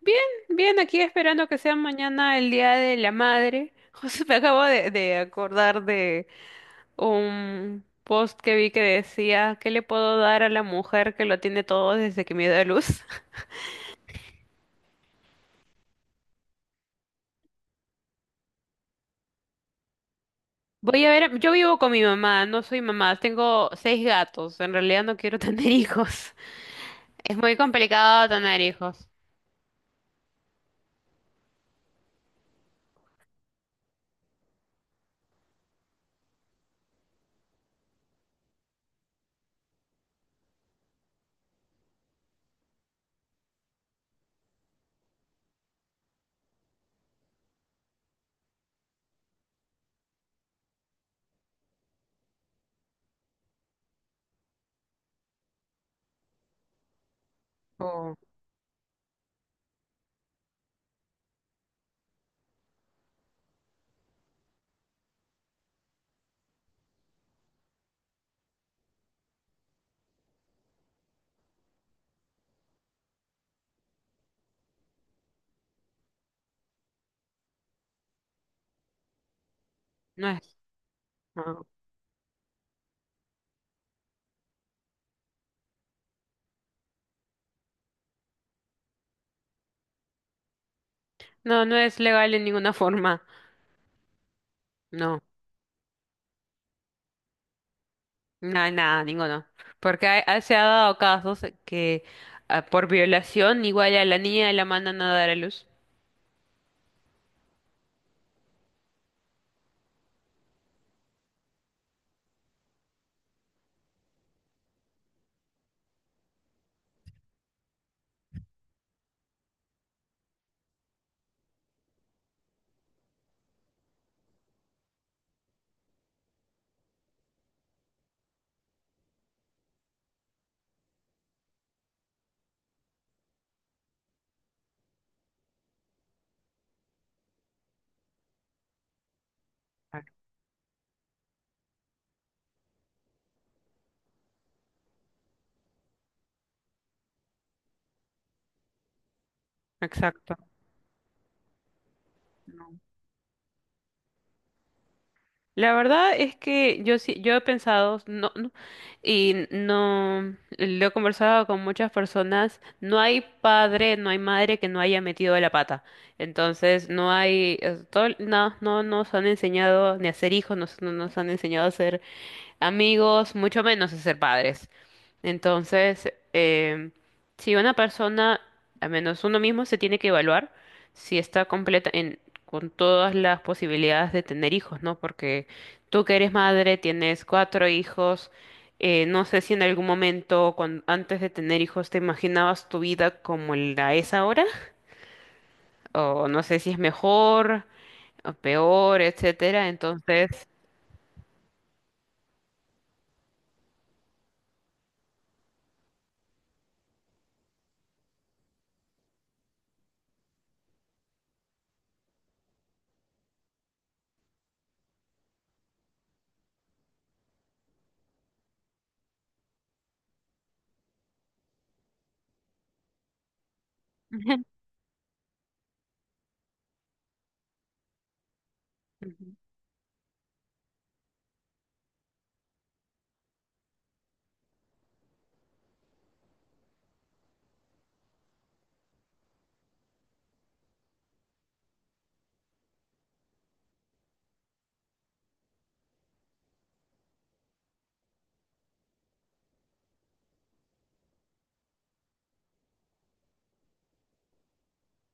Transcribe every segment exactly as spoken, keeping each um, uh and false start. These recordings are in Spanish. Bien, bien, aquí esperando que sea mañana el Día de la Madre. José, me acabo de, de acordar de un post que vi que decía, ¿qué le puedo dar a la mujer que lo tiene todo desde que me dio a luz? Voy a ver, yo vivo con mi mamá, no soy mamá, tengo seis gatos, en realidad no quiero tener hijos. Es muy complicado tener hijos. Oh, no es, no, no, no es legal en ninguna forma, no. No, nada, ninguno. Porque ha- ha- se ha dado casos que ah, por violación igual a la niña la mandan a dar a luz. Claro. Exacto. La verdad es que yo sí, yo he pensado, no, no, y no, lo he conversado con muchas personas, no hay padre, no hay madre que no haya metido la pata. Entonces, no hay, eh, todo- no, no no nos han enseñado ni a ser hijos, no, no nos han enseñado a ser amigos, mucho menos a ser padres. Entonces, em, si una persona, al menos uno mismo, se tiene que evaluar si está completa en, con todas las posibilidades de tener hijos, ¿no? Porque tú que eres madre, tienes cuatro hijos, eh, no sé si en algún momento, cuan- antes de tener hijos, te imaginabas tu vida como la es ahora, o no sé si es mejor o peor, etcétera. Entonces, Ujú.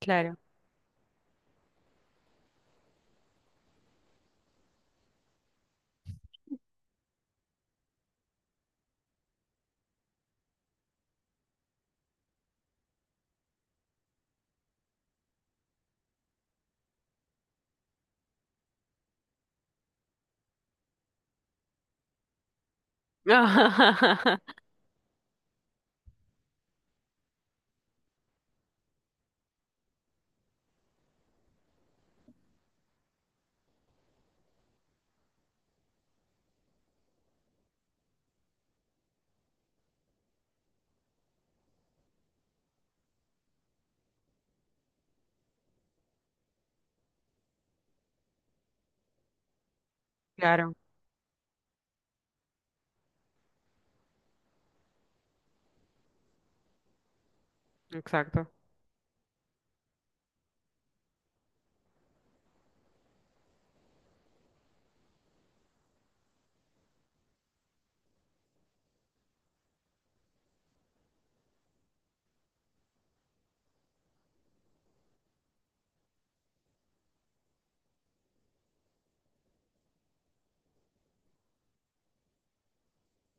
claro. Claro, exacto.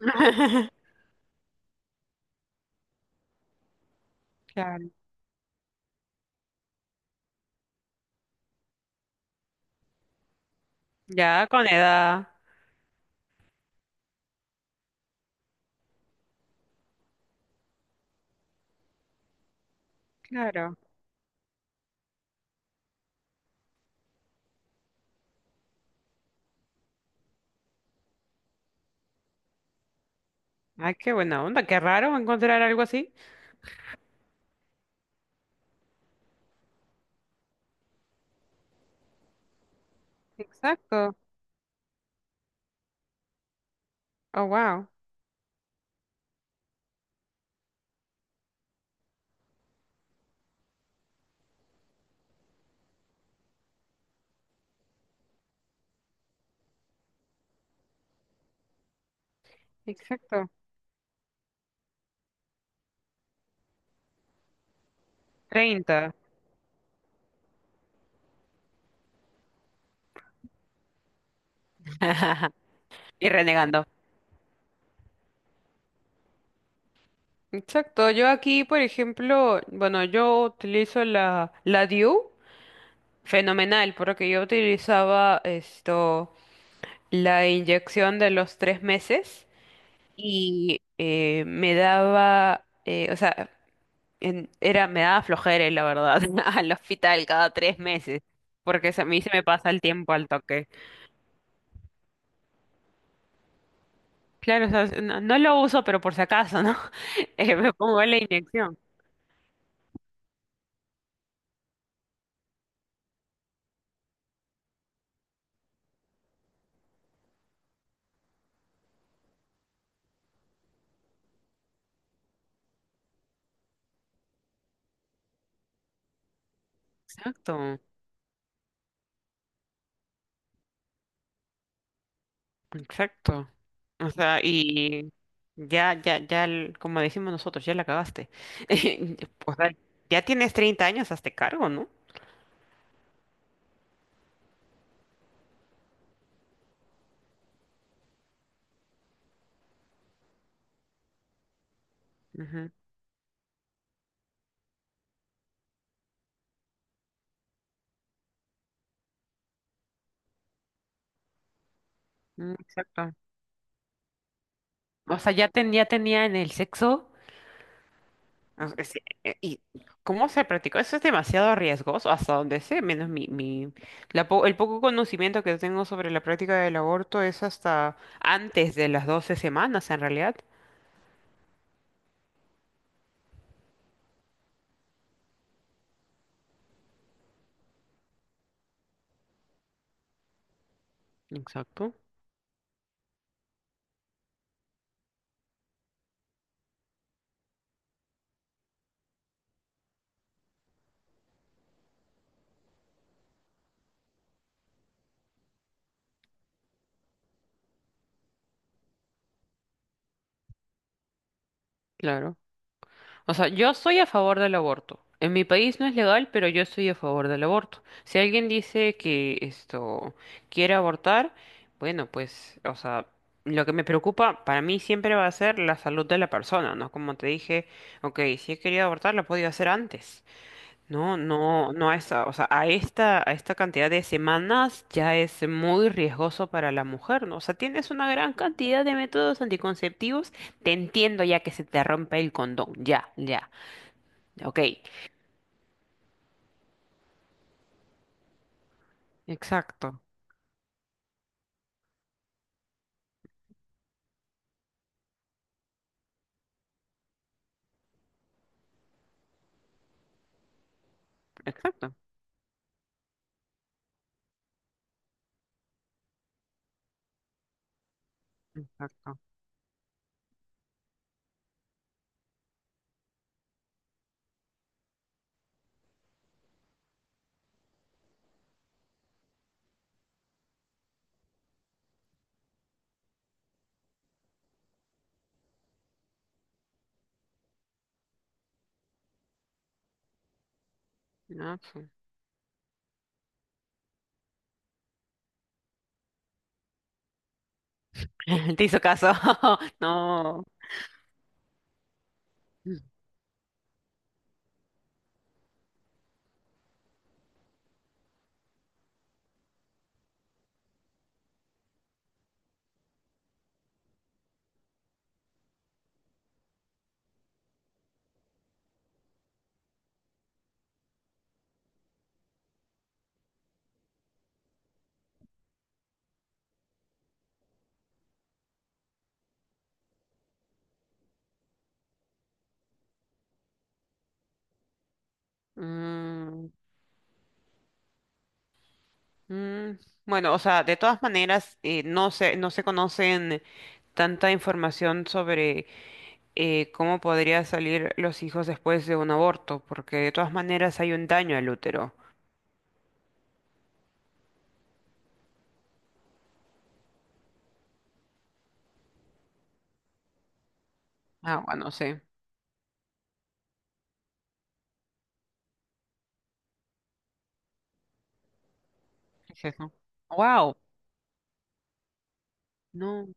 Claro, ya con edad. Claro. Ay, qué buena onda, qué raro encontrar algo así. Exacto. Oh, wow. Exacto. Treinta Y renegando. Exacto. Yo aquí, por ejemplo, bueno, yo utilizo la, la D I U, fenomenal, porque yo utilizaba esto, la inyección de los tres meses y eh, me daba, eh, o sea, en- era, me daba flojera, la verdad, al hospital cada tres meses, porque se, a mí se me pasa el tiempo al toque. Claro, o sea, no, no lo uso, pero por si acaso, ¿no? Eh, me pongo la inyección. Exacto, exacto. O sea, y ya, ya, ya, el- como decimos nosotros, ya la cagaste. O sea, ya tienes treinta años, hazte cargo, ¿no? Ujú, mm, Exacto. O sea, ya ten ya tenía en el sexo. No sé si- eh, ¿y cómo se practicó? Eso es demasiado riesgoso, hasta donde sé, menos mi, mi, la po- el poco conocimiento que tengo sobre la práctica del aborto es hasta antes de las doce semanas, en realidad. Exacto, claro. O sea, yo soy a favor del aborto. En mi país no es legal, pero yo estoy a favor del aborto. Si alguien dice que esto quiere abortar, bueno, pues, o sea, lo que me preocupa para mí siempre va a ser la salud de la persona, ¿no? Como te dije, ok, si he querido abortar, lo he podido hacer antes. No, no, no a esa, o sea, a esta, a esta cantidad de semanas ya es muy riesgoso para la mujer, ¿no? O sea, tienes una gran cantidad de métodos anticonceptivos. Te entiendo ya que se te rompe el condón, ya, ya. Ok, exacto, exacto, exacto. No, Te hizo caso. No. Mm, mm. Bueno, o sea, de todas maneras, eh, no se, no se conocen tanta información sobre eh, cómo podría salir los hijos después de un aborto, porque de todas maneras hay un daño al útero. Ah, bueno, sí. ¿Qué es eso? Wow. No.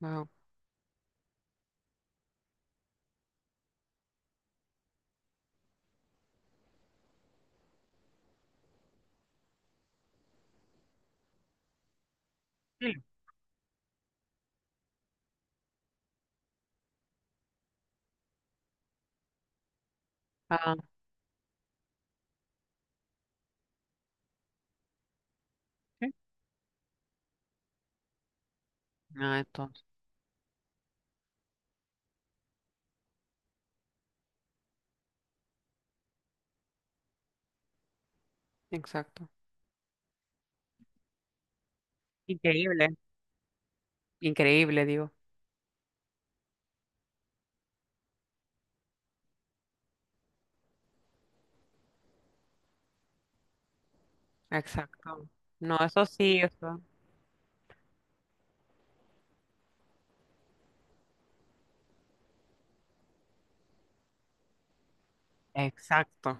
Wow. Sí. Ah, sí. Ah, entonces. Exacto. Increíble. Increíble, digo. Exacto. No, eso sí, eso. Exacto.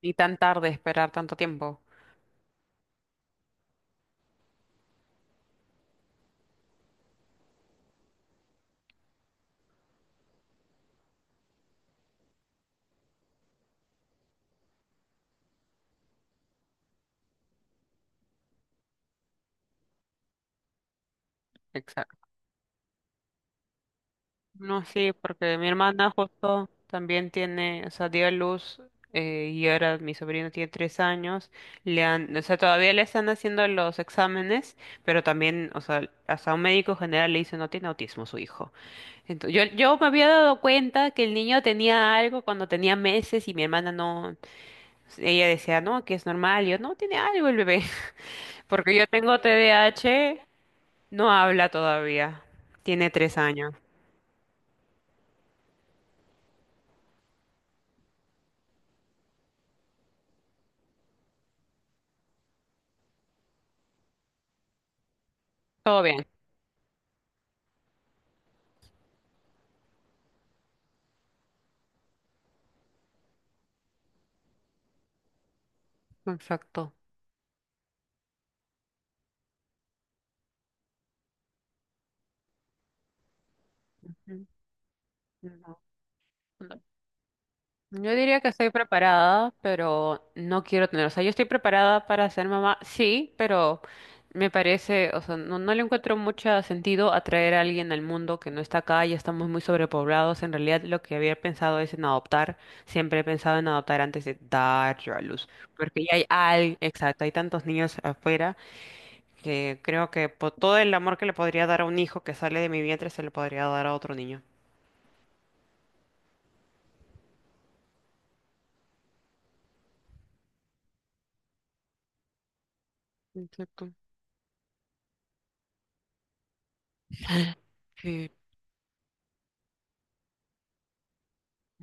Y tan tarde esperar tanto tiempo. Exacto. No, sí, porque mi hermana justo también tiene, o sea, dio a luz eh, y ahora mi sobrino tiene tres años. Le han, o sea, todavía le están haciendo los exámenes, pero también, o sea, hasta un médico general le dice no tiene autismo su hijo. Entonces, yo, yo me había dado cuenta que el niño tenía algo cuando tenía meses y mi hermana no, ella decía, no, que es normal. Y yo, no, tiene algo el bebé. Porque yo tengo T D A H, no habla todavía. Tiene tres años. Todo bien. Exacto. Mm, no, no. Yo diría que estoy preparada, pero no quiero tener. O sea, yo estoy preparada para ser mamá, sí, pero me parece, o sea, no, no le encuentro mucho sentido atraer a alguien al mundo que no está acá, ya estamos muy sobrepoblados. En realidad, lo que había pensado es en adoptar. Siempre he pensado en adoptar antes de dar yo a luz, porque ya hay, al- exacto, hay tantos niños afuera que creo que por todo el amor que le podría dar a un hijo que sale de mi vientre se le podría dar a otro niño. Exacto. Sí,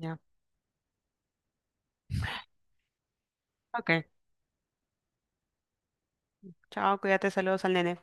ya. Ok. Chao, cuídate, saludos al nene.